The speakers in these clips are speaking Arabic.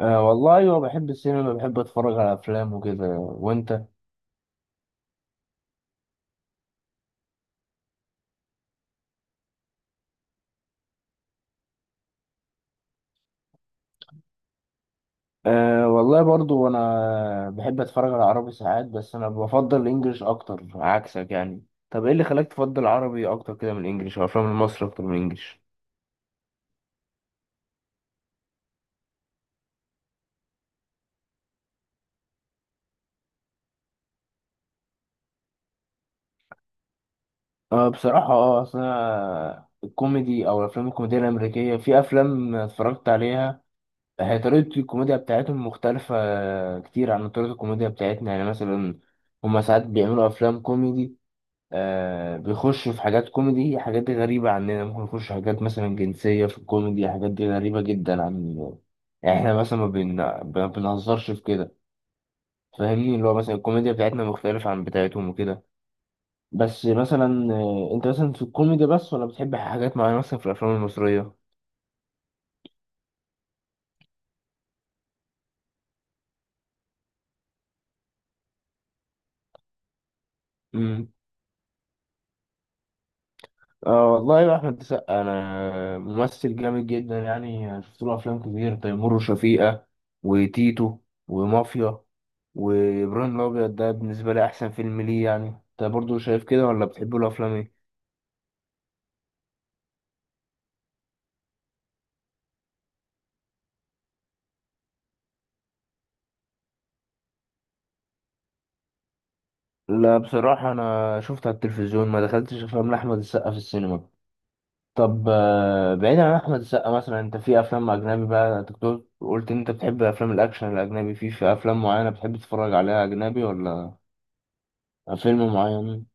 والله أيوة بحب السينما، بحب أتفرج على أفلام وكده. وأنت؟ والله برضو أنا بحب أتفرج على عربي ساعات، بس أنا بفضل الإنجليش أكتر عكسك يعني. طب إيه اللي خلاك تفضل العربي أكتر كده من الإنجليش، أو أفلام المصري أكتر من الإنجليش؟ بصراحة أصل أنا الكوميدي أو الأفلام الكوميدية الأمريكية، في أفلام اتفرجت عليها هي طريقة الكوميديا بتاعتهم مختلفة كتير عن طريقة الكوميديا بتاعتنا. يعني مثلا هما ساعات بيعملوا أفلام كوميدي، بيخشوا في حاجات كوميدي، حاجات دي غريبة عننا. ممكن يخشوا حاجات مثلا جنسية في الكوميدي، حاجات دي غريبة جدا عن، يعني احنا مثلا ما بنهزرش في كده. فاهمني، اللي هو مثلا الكوميديا بتاعتنا مختلفة عن بتاعتهم وكده. بس مثلا انت مثلا في الكوميدي بس، ولا بتحب حاجات معينة مثلا في الأفلام المصرية؟ اه والله، يا احمد السقا، انا ممثل جامد جدا يعني. شفت له افلام كتير، تيمور وشفيقة، وتيتو، ومافيا، وابراهيم الابيض ده بالنسبه لي احسن فيلم ليه. يعني انت برضو شايف كده ولا بتحب له افلام ايه؟ لا بصراحه انا شفت على التلفزيون، ما دخلتش افلام لاحمد السقا في السينما. طب بعيدا عن احمد السقا، مثلا انت في افلام اجنبي بقى، أنت كنت قلت ان انت بتحب افلام الاكشن الاجنبي، في افلام معينه بتحب تتفرج عليها اجنبي ولا فيلم معين؟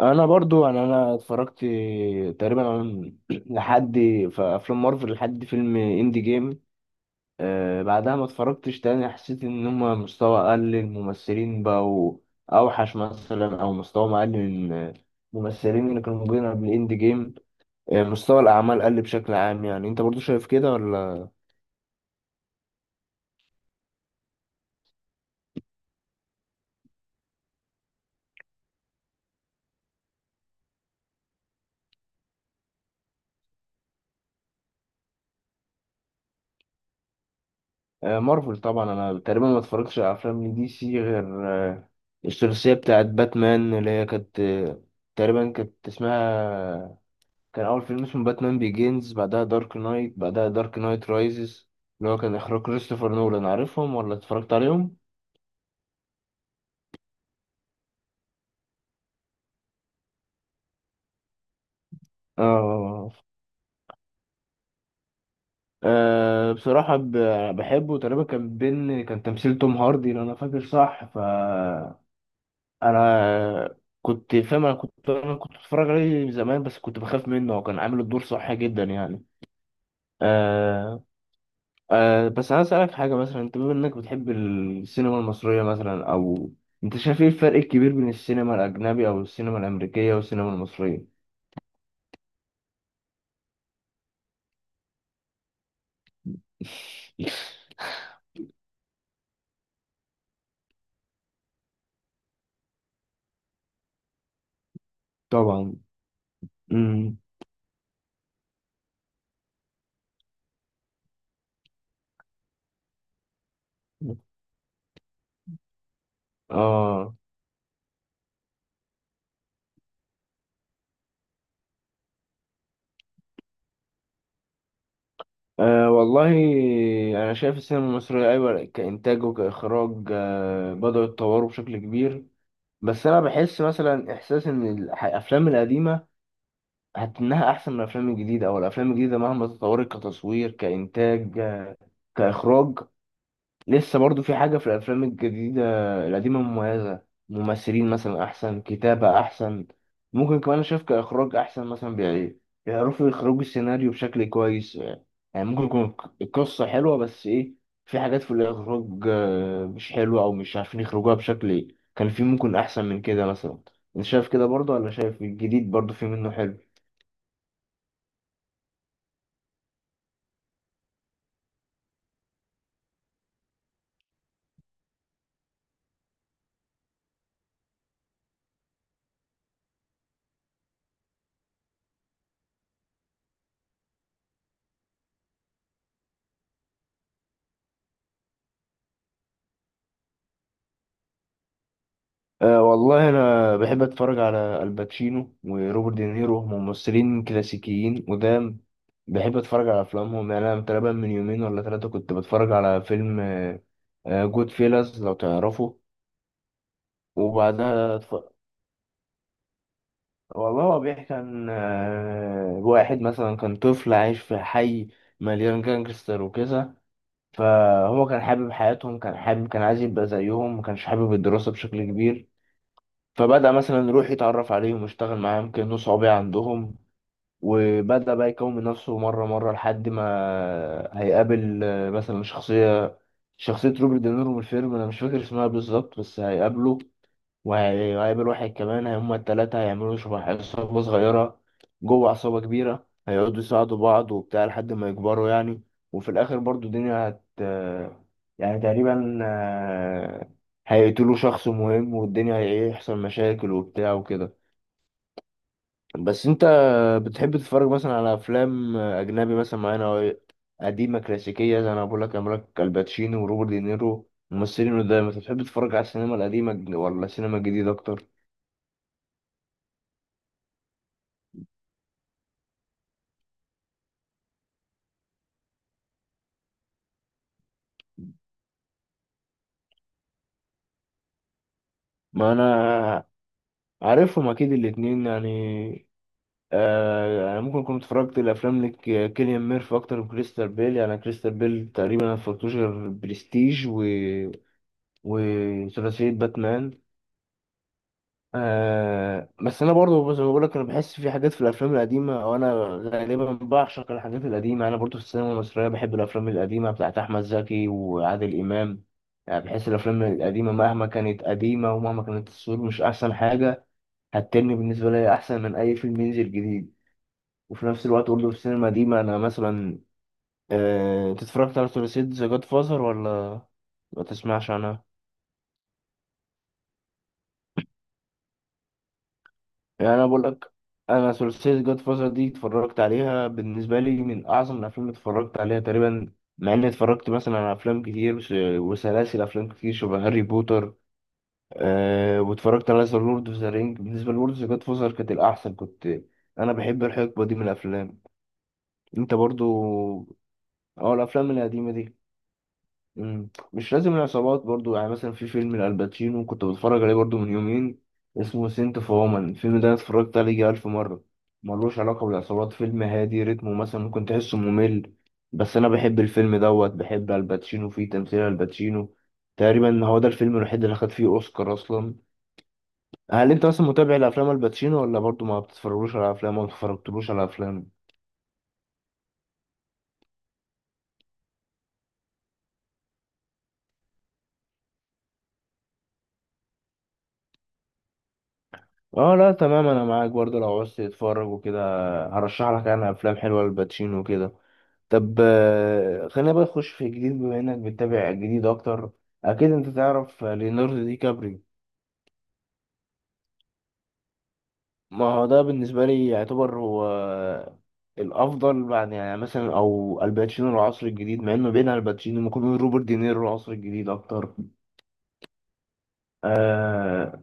انا برضو يعني انا اتفرجت تقريبا لحد، في افلام مارفل لحد فيلم اندي جيم. أه بعدها ما اتفرجتش تاني، حسيت ان هما مستوى اقل، الممثلين بقوا اوحش مثلا، او مستوى اقل من الممثلين اللي كانوا موجودين قبل اندي جيم. أه مستوى الاعمال قل بشكل عام. يعني انت برضو شايف كده ولا؟ أه مارفل طبعا. انا تقريبا ما اتفرجتش على افلام دي سي غير أه الثلاثيه بتاعت باتمان، اللي هي كانت تقريبا كانت اسمها، كان أول فيلم اسمه باتمان بيجينز، بعدها دارك نايت، بعدها دارك نايت رايزز، اللي هو كان إخراج كريستوفر نولان. عارفهم ولا اتفرجت عليهم؟ آه. بصراحة بحبه. تقريبا كان بين، كان تمثيل توم هاردي لو أنا فاكر صح. ف أنا أنا كنت بتفرج عليه زمان، بس كنت بخاف منه، هو كان عامل الدور صح جدا يعني. آه. بس عايز أسألك حاجة، مثلا أنت بما إنك بتحب السينما المصرية مثلا، أو أنت شايف إيه الفرق الكبير بين السينما الأجنبي أو السينما الأمريكية والسينما المصرية؟ طبعا. امم آه. آه والله، أنا شايف السينما المصرية أيوة كإنتاج وكإخراج بدأوا يتطوروا بشكل كبير. بس أنا بحس مثلا إحساس إن الأفلام القديمة إنها أحسن من الأفلام الجديدة. أو الأفلام الجديدة مهما تطورت كتصوير كإنتاج كإخراج، لسه برضو في حاجة في الأفلام الجديدة، القديمة مميزة. ممثلين مثلا أحسن، كتابة أحسن، ممكن كمان شايف كإخراج أحسن مثلا. بيعرفوا يخرجوا السيناريو بشكل كويس يعني. يعني ممكن يكون القصة حلوة بس إيه، في حاجات في الإخراج مش حلوة، أو مش عارفين يخرجوها بشكل إيه، كان في ممكن أحسن من كده مثلا. أنت شايف كده برضو، ولا شايف الجديد برضو في منه حلو؟ والله أنا بحب أتفرج على الباتشينو وروبرت دينيرو، هم ممثلين كلاسيكيين قدام، بحب أتفرج على أفلامهم يعني. أنا تقريبا من يومين ولا ثلاثة كنت بتفرج على فيلم جود فيلاز لو تعرفه. وبعدها أتف... والله هو بيحكي عن واحد مثلا كان طفل عايش في حي مليان جانجستر وكذا. فهو كان حابب حياتهم، كان حابب كان عايز يبقى زيهم، ما كانش حابب الدراسة بشكل كبير. فبدأ مثلا يروح يتعرف عليهم ويشتغل معاهم كأنه صعوبة عندهم. وبدأ بقى يكون من نفسه مرة مرة، لحد ما هيقابل مثلا شخصية روبرت دينيرو من الفيلم، أنا مش فاكر اسمها بالظبط، بس هيقابله، وهيقابل واحد كمان، هما التلاتة هيعملوا شبه عصابة صغيرة جوه عصابة كبيرة. هيقعدوا يساعدوا بعض وبتاع لحد ما يكبروا يعني. وفي الآخر برضو الدنيا يعني تقريبا هيقتلوا شخص مهم، والدنيا هيحصل مشاكل وبتاع وكده. بس انت بتحب تتفرج مثلا على أفلام أجنبي مثلا معانا، أو قديمة كلاسيكية زي أنا بقول لك عمل لك الباتشينو وروبرت دينيرو ممثلين قدام؟ انت بتحب تتفرج على السينما القديمة ولا السينما الجديدة أكتر؟ ما انا عارفهم اكيد الاتنين يعني. آه يعني ممكن كنت اتفرجت الافلام لك كيليان ميرفي اكتر من كريستال بيل يعني. كريستال بيل تقريبا ما اتفرجتوش غير برستيج وثلاثيه باتمان. آه بس انا برضو زي ما بقول لك، انا بحس في حاجات في الافلام القديمه، وانا غالبا بعشق الحاجات القديمه. انا برضو في السينما المصريه بحب الافلام القديمه بتاعت احمد زكي وعادل امام يعني. بحس الافلام القديمه مهما كانت قديمه، ومهما كانت الصور مش احسن حاجه، هتترمي بالنسبة لي أحسن من أي فيلم ينزل جديد. وفي نفس الوقت برضه في السينما دي، ما أنا مثلا، أنت اتفرجت على ثلاثية ذا جاد فازر ولا ما تسمعش عنها؟ يعني أنا بقول لك، أنا ثلاثية جاد فازر دي اتفرجت عليها، بالنسبة لي من أعظم الأفلام اللي اتفرجت عليها تقريبا. مع إني اتفرجت مثلا على أفلام كتير، وسلاسل أفلام كتير شبه هاري بوتر. أه واتفرجت على ذا لورد أوف ذا رينج. بالنسبة لورد أوف ذا جاد فازر كانت الأحسن. كنت أنا بحب الحقبة دي من الأفلام. أنت برضو؟ اه الافلام القديمه دي. مم. مش لازم العصابات برضو يعني. مثلا في فيلم الالباتشينو كنت بتفرج عليه برضو من يومين، اسمه سنت اوف وومن، الفيلم ده أنا اتفرجت عليه يجي الف مره. ملوش علاقه بالعصابات، فيلم هادي رتمه، مثلا ممكن تحسه ممل، بس انا بحب الفيلم دوت، بحب الباتشينو فيه، تمثيل الباتشينو. تقريبا هو ده الفيلم الوحيد اللي خد فيه اوسكار اصلا. هل انت اصلا متابع لافلام الباتشينو ولا برضو ما بتتفرجوش على افلام ولا ما اتفرجتلوش على افلام؟ اه لا تمام، انا معاك برضه. لو عاوز تتفرج وكده هرشح لك انا افلام حلوه للباتشينو وكده. طب خلينا بقى نخش في الجديد، بما انك بتتابع الجديد اكتر. اكيد انت تعرف ليوناردو دي كابري. ما هو ده بالنسبه لي يعتبر هو الافضل بعد، يعني مثلا او الباتشينو العصر الجديد، مع انه بين الباتشينو ممكن نقول روبرت دينيرو العصر الجديد اكتر. آه.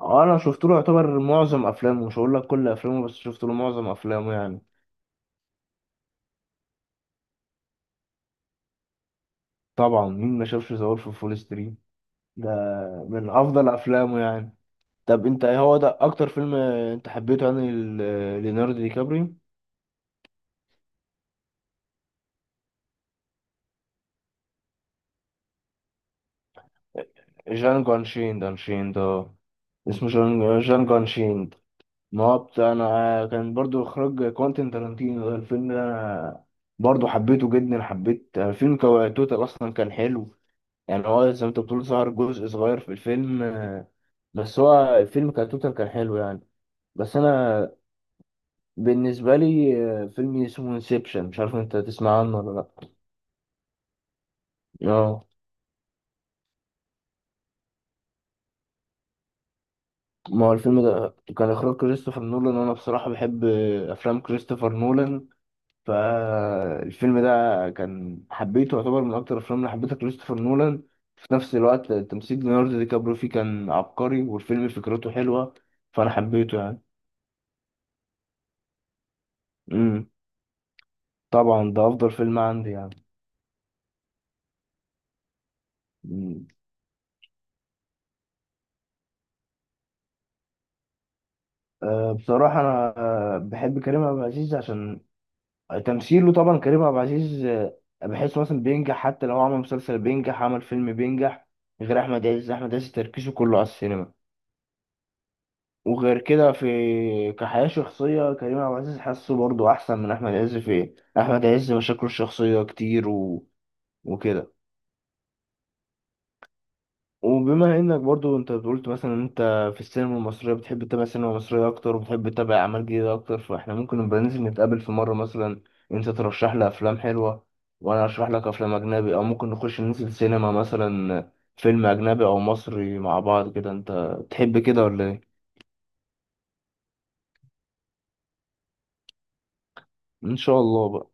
انا شفت له يعتبر معظم افلامه، مش هقول لك كل افلامه بس شفت له معظم افلامه يعني. طبعا مين ما شافش ذا وولف فول ستريت ده، من افضل افلامه يعني. طب انت ايه هو ده اكتر فيلم انت حبيته يعني ليوناردو دي كابريو؟ جانجو انشيند انشيند اه اسمه جانجو، جانجو انشيند. ما هو بتاع انا، كان برضو اخراج كوانتين تارانتينو، ده الفيلم ده انا برضو حبيته جدا، حبيت الفيلم توتال اصلا كان حلو يعني. هو زي ما انت بتقول ظهر جزء صغير في الفيلم بس هو الفيلم كتوتال كان حلو يعني. بس انا بالنسبة لي فيلم اسمه انسبشن، مش عارف انت تسمع عنه ولا لأ؟ اه ما هو الفيلم ده كان إخراج كريستوفر نولان، وأنا بصراحة بحب أفلام كريستوفر نولان. فالفيلم ده كان حبيته، يعتبر من أكتر الأفلام اللي حبيتها كريستوفر نولان. في نفس الوقت تمثيل ليوناردو دي كابريو فيه كان عبقري، والفيلم فكرته حلوة، فأنا حبيته يعني. امم طبعا ده أفضل فيلم عندي يعني. مم. بصراحة أنا بحب كريم عبد العزيز عشان تمثيله. طبعا كريم عبد العزيز بحس مثلا بينجح، حتى لو عمل مسلسل بينجح، عمل فيلم بينجح. غير احمد عز، احمد عز تركيزه كله على السينما. وغير كده في كحياة شخصية كريم عبد العزيز حاسه برضه أحسن من أحمد عز في إيه؟ أحمد عز مشاكله الشخصية كتير وكده. وبما انك برضو انت قلت مثلا إن انت في السينما المصرية بتحب تتابع السينما المصرية اكتر، وبتحب تتابع اعمال جديدة اكتر، فاحنا ممكن نبقى ننزل نتقابل في مرة مثلا، انت ترشح لي افلام حلوة وانا ارشح لك افلام اجنبي، او ممكن نخش ننزل سينما مثلا فيلم اجنبي او مصري مع بعض كده. انت تحب كده ولا ايه؟ ان شاء الله بقى.